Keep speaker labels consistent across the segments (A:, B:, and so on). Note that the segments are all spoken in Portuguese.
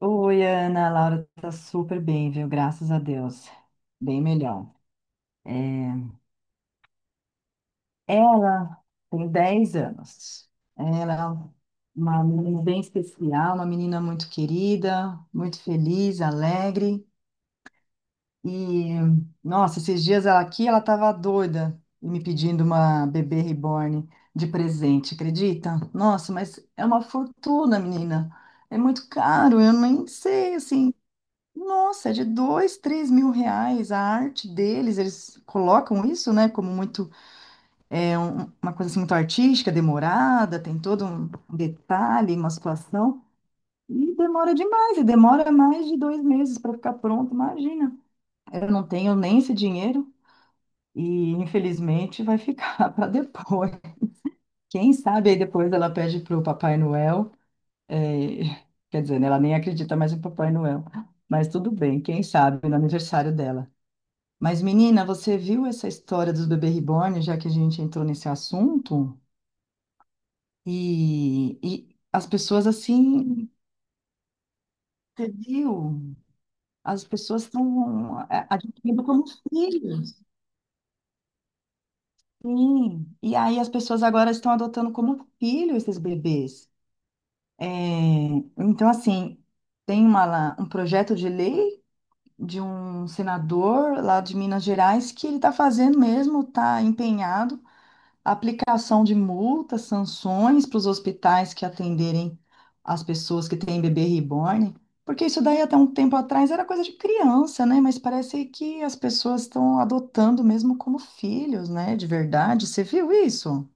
A: Oi, Ana, a Laura tá super bem, viu? Graças a Deus. Bem melhor. É, Ela tem 10 anos. Ela é uma menina bem especial, uma menina muito querida, muito feliz, alegre. E, Nossa, esses dias ela aqui, ela tava doida e me pedindo uma bebê reborn de presente, acredita? Nossa, mas é uma fortuna, menina. É muito caro, eu nem sei, assim. Nossa, é de dois, três mil reais a arte deles, eles colocam isso, né, como muito, uma coisa assim, muito artística, demorada, tem todo um detalhe, uma situação, e demora demais, e demora mais de 2 meses para ficar pronto, imagina. Eu não tenho nem esse dinheiro, e infelizmente vai ficar para depois. Quem sabe aí depois ela pede para o Papai Noel, é, quer dizer, né, ela nem acredita mais em Papai Noel, mas tudo bem, quem sabe no aniversário dela. Mas, menina, você viu essa história dos bebês reborn, já que a gente entrou nesse assunto? E, e as pessoas assim, você viu? As pessoas estão adquirindo como filhos. Sim. E aí as pessoas agora estão adotando como filho esses bebês. É, então, assim, tem uma, um projeto de lei de um senador lá de Minas Gerais que ele está fazendo mesmo, está empenhado. Aplicação de multas, sanções para os hospitais que atenderem as pessoas que têm bebê reborn, porque isso daí até um tempo atrás era coisa de criança, né? Mas parece que as pessoas estão adotando mesmo como filhos, né? De verdade. Você viu isso?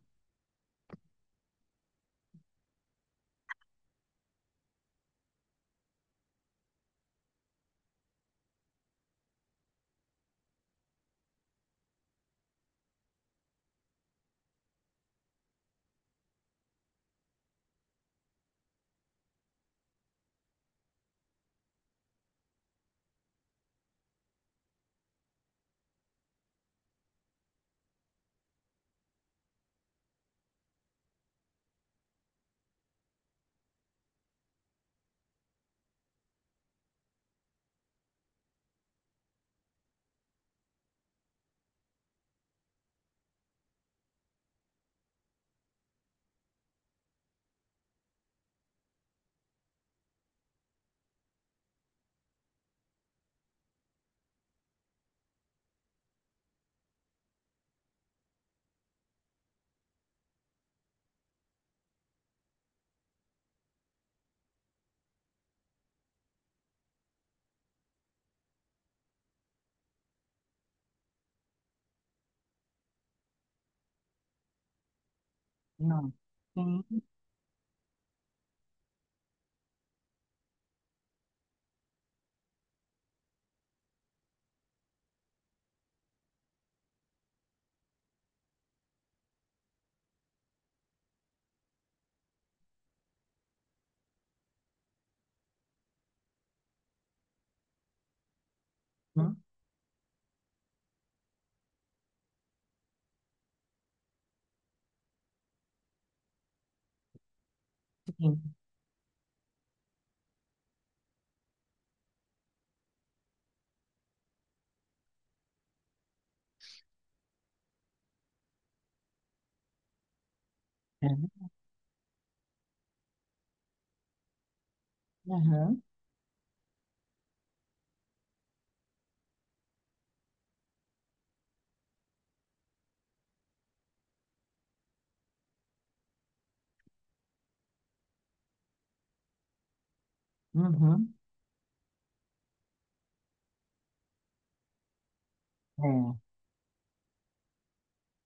A: Não. Sim, sim, sim. É, aham, uhum,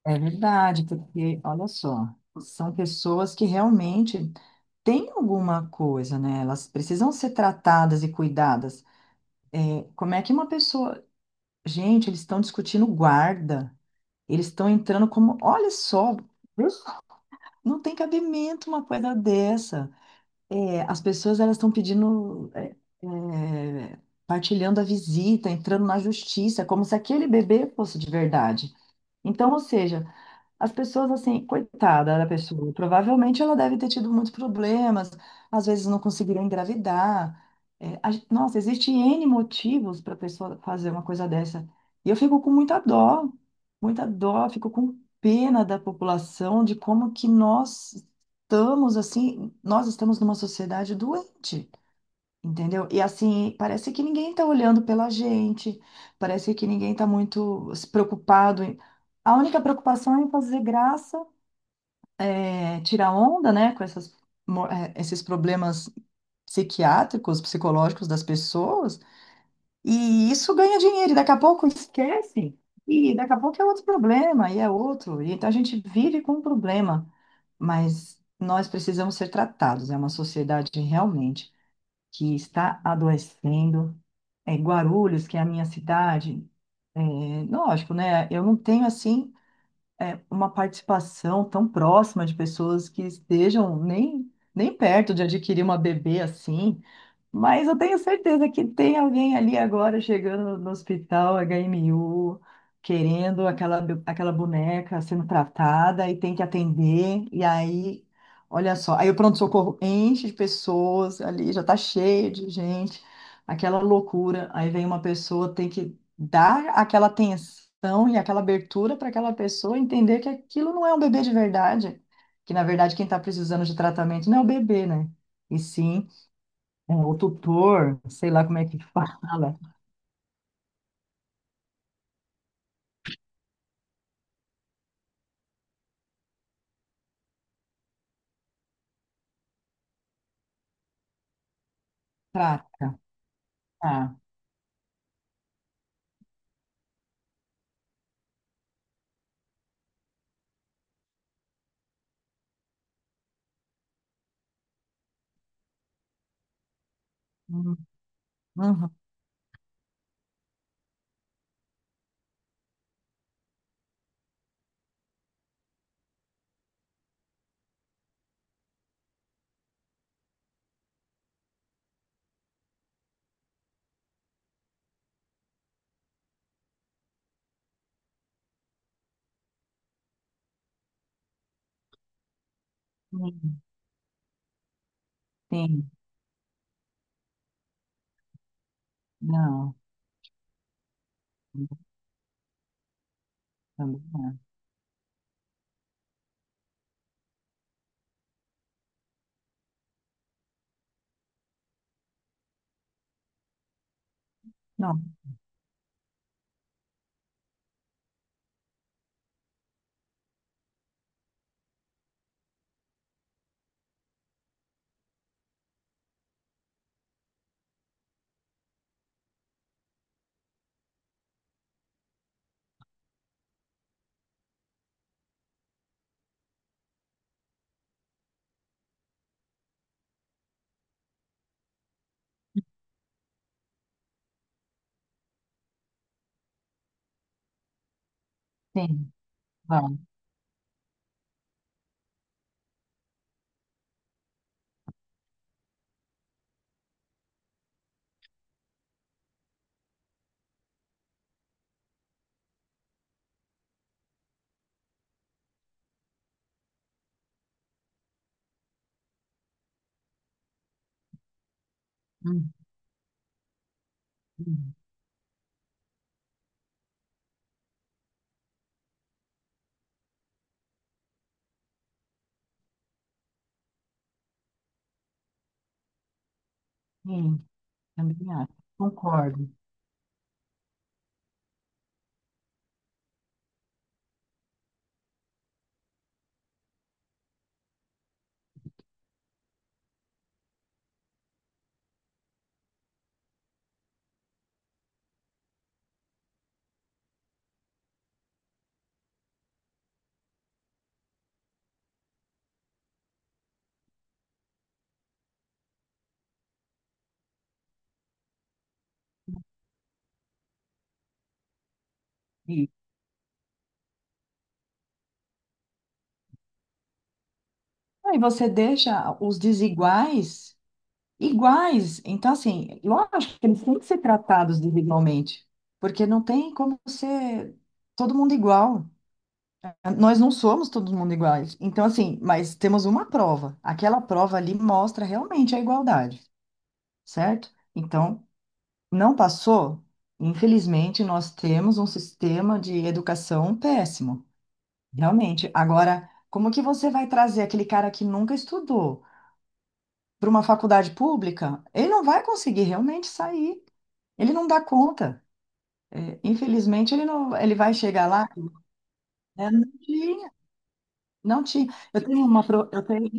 A: é, é verdade, porque olha só, são pessoas que realmente têm alguma coisa, né? Elas precisam ser tratadas e cuidadas. Como é que uma pessoa. Gente, eles estão discutindo guarda. Eles estão entrando como. Olha só, isso. Não tem cabimento uma coisa dessa. É, as pessoas elas estão pedindo. É, Partilhando a visita, entrando na justiça, como se aquele bebê fosse de verdade. Então, ou seja, as pessoas, assim, coitada da pessoa, provavelmente ela deve ter tido muitos problemas, às vezes não conseguiram engravidar. É, nossa, existe N motivos para a pessoa fazer uma coisa dessa. E eu fico com muita dó, fico com pena da população, de como que nós estamos, assim, nós estamos numa sociedade doente. Entendeu? E assim, parece que ninguém tá olhando pela gente, parece que ninguém tá muito se preocupado. A única preocupação é em fazer graça, é, tirar onda, né, com essas, esses problemas psiquiátricos, psicológicos das pessoas, e isso ganha dinheiro, e daqui a pouco esquece, e daqui a pouco é outro problema, e é outro, e então a gente vive com um problema, mas nós precisamos ser tratados, é uma sociedade realmente que está adoecendo. É, Guarulhos, que é a minha cidade, é, lógico, né? Eu não tenho assim uma participação tão próxima de pessoas que estejam nem perto de adquirir uma bebê assim. Mas eu tenho certeza que tem alguém ali agora chegando no hospital HMU, querendo aquela, aquela boneca sendo tratada e tem que atender. E aí, olha só, aí o pronto-socorro enche de pessoas ali, já tá cheio de gente, aquela loucura. Aí vem uma pessoa, tem que dar aquela atenção e aquela abertura para aquela pessoa entender que aquilo não é um bebê de verdade, que na verdade quem está precisando de tratamento não é o bebê, né? E sim. É, o tutor, sei lá como é que fala, trata. Tá. Hum, uhum, sim, sim, não, também acho. Não, sim, vai. Hum, hum, sim, também acho. Concordo. E aí você deixa os desiguais iguais. Então, assim, lógico que eles têm que ser tratados desigualmente, porque não tem como ser todo mundo igual. Nós não somos todo mundo iguais. Então, assim, mas temos uma prova. Aquela prova ali mostra realmente a igualdade, certo? Então, não passou? Infelizmente, nós temos um sistema de educação péssimo, realmente. Agora, como que você vai trazer aquele cara que nunca estudou para uma faculdade pública? Ele não vai conseguir realmente sair. Ele não dá conta. É, infelizmente, ele não, ele vai chegar lá, né? Não tinha, não tinha. Eu tenho uma, eu tenho.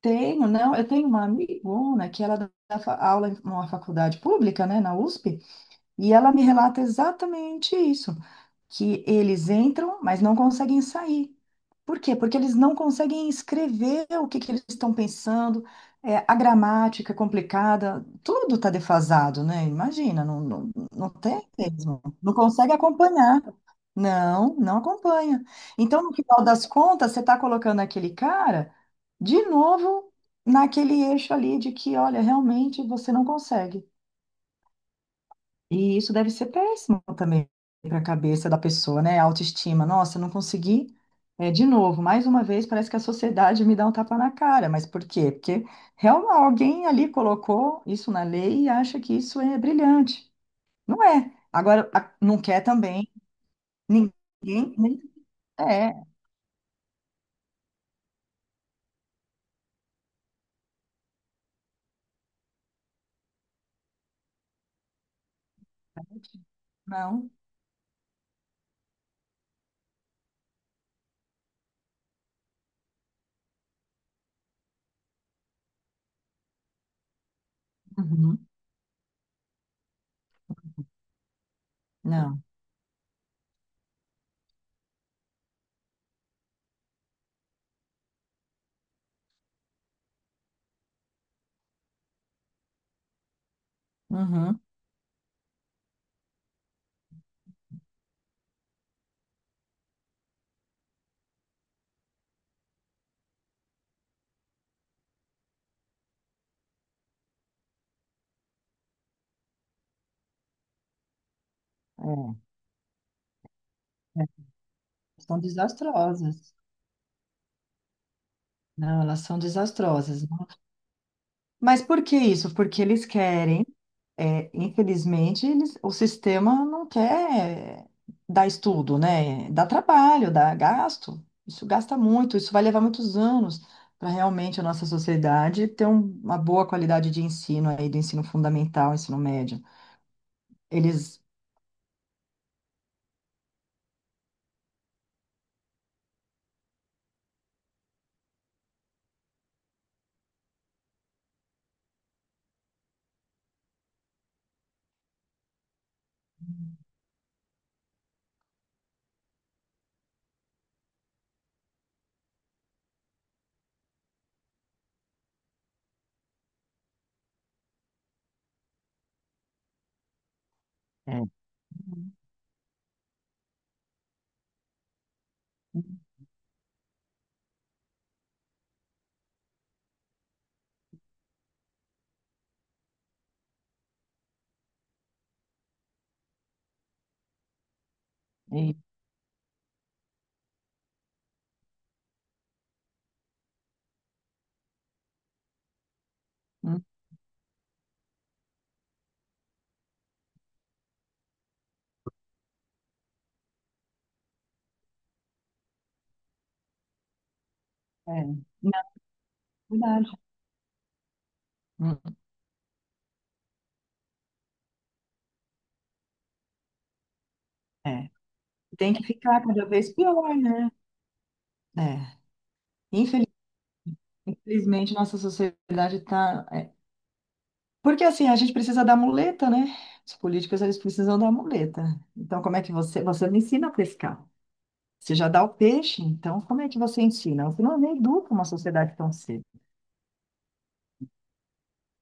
A: Tenho, não, eu tenho uma amigona que ela dá aula em uma faculdade pública, né, na USP, e ela me relata exatamente isso, que eles entram, mas não conseguem sair. Por quê? Porque eles não conseguem escrever o que que eles estão pensando, é, a gramática é complicada, tudo está defasado, né? Imagina, não tem mesmo, não consegue acompanhar. Não, não acompanha. Então, no final das contas, você está colocando aquele cara de novo naquele eixo ali de que, olha, realmente você não consegue. E isso deve ser péssimo também para a cabeça da pessoa, né? A autoestima. Nossa, eu não consegui. É, de novo, mais uma vez, parece que a sociedade me dá um tapa na cara. Mas por quê? Porque realmente alguém ali colocou isso na lei e acha que isso é brilhante. Não é. Agora, não quer também. Ninguém. nem- É. Não. Uhum. Não. Uhum. É. É. São desastrosas. Não, elas são desastrosas. Mas por que isso? Porque eles querem. É, infelizmente, eles, o sistema não quer dar estudo, né? Dá trabalho, dá gasto. Isso gasta muito, isso vai levar muitos anos para realmente a nossa sociedade ter uma boa qualidade de ensino aí, do ensino fundamental, ensino médio. Eles. e- hum, é, na verdade. Hum, é. Tem que ficar cada vez pior, né? É. Infeliz- Infelizmente, nossa sociedade está. Porque assim, a gente precisa da muleta, né? Os políticos, eles precisam da muleta. Então, como é que você, você não ensina a pescar? Você já dá o peixe, então como é que você ensina? Você não educa uma sociedade tão cedo.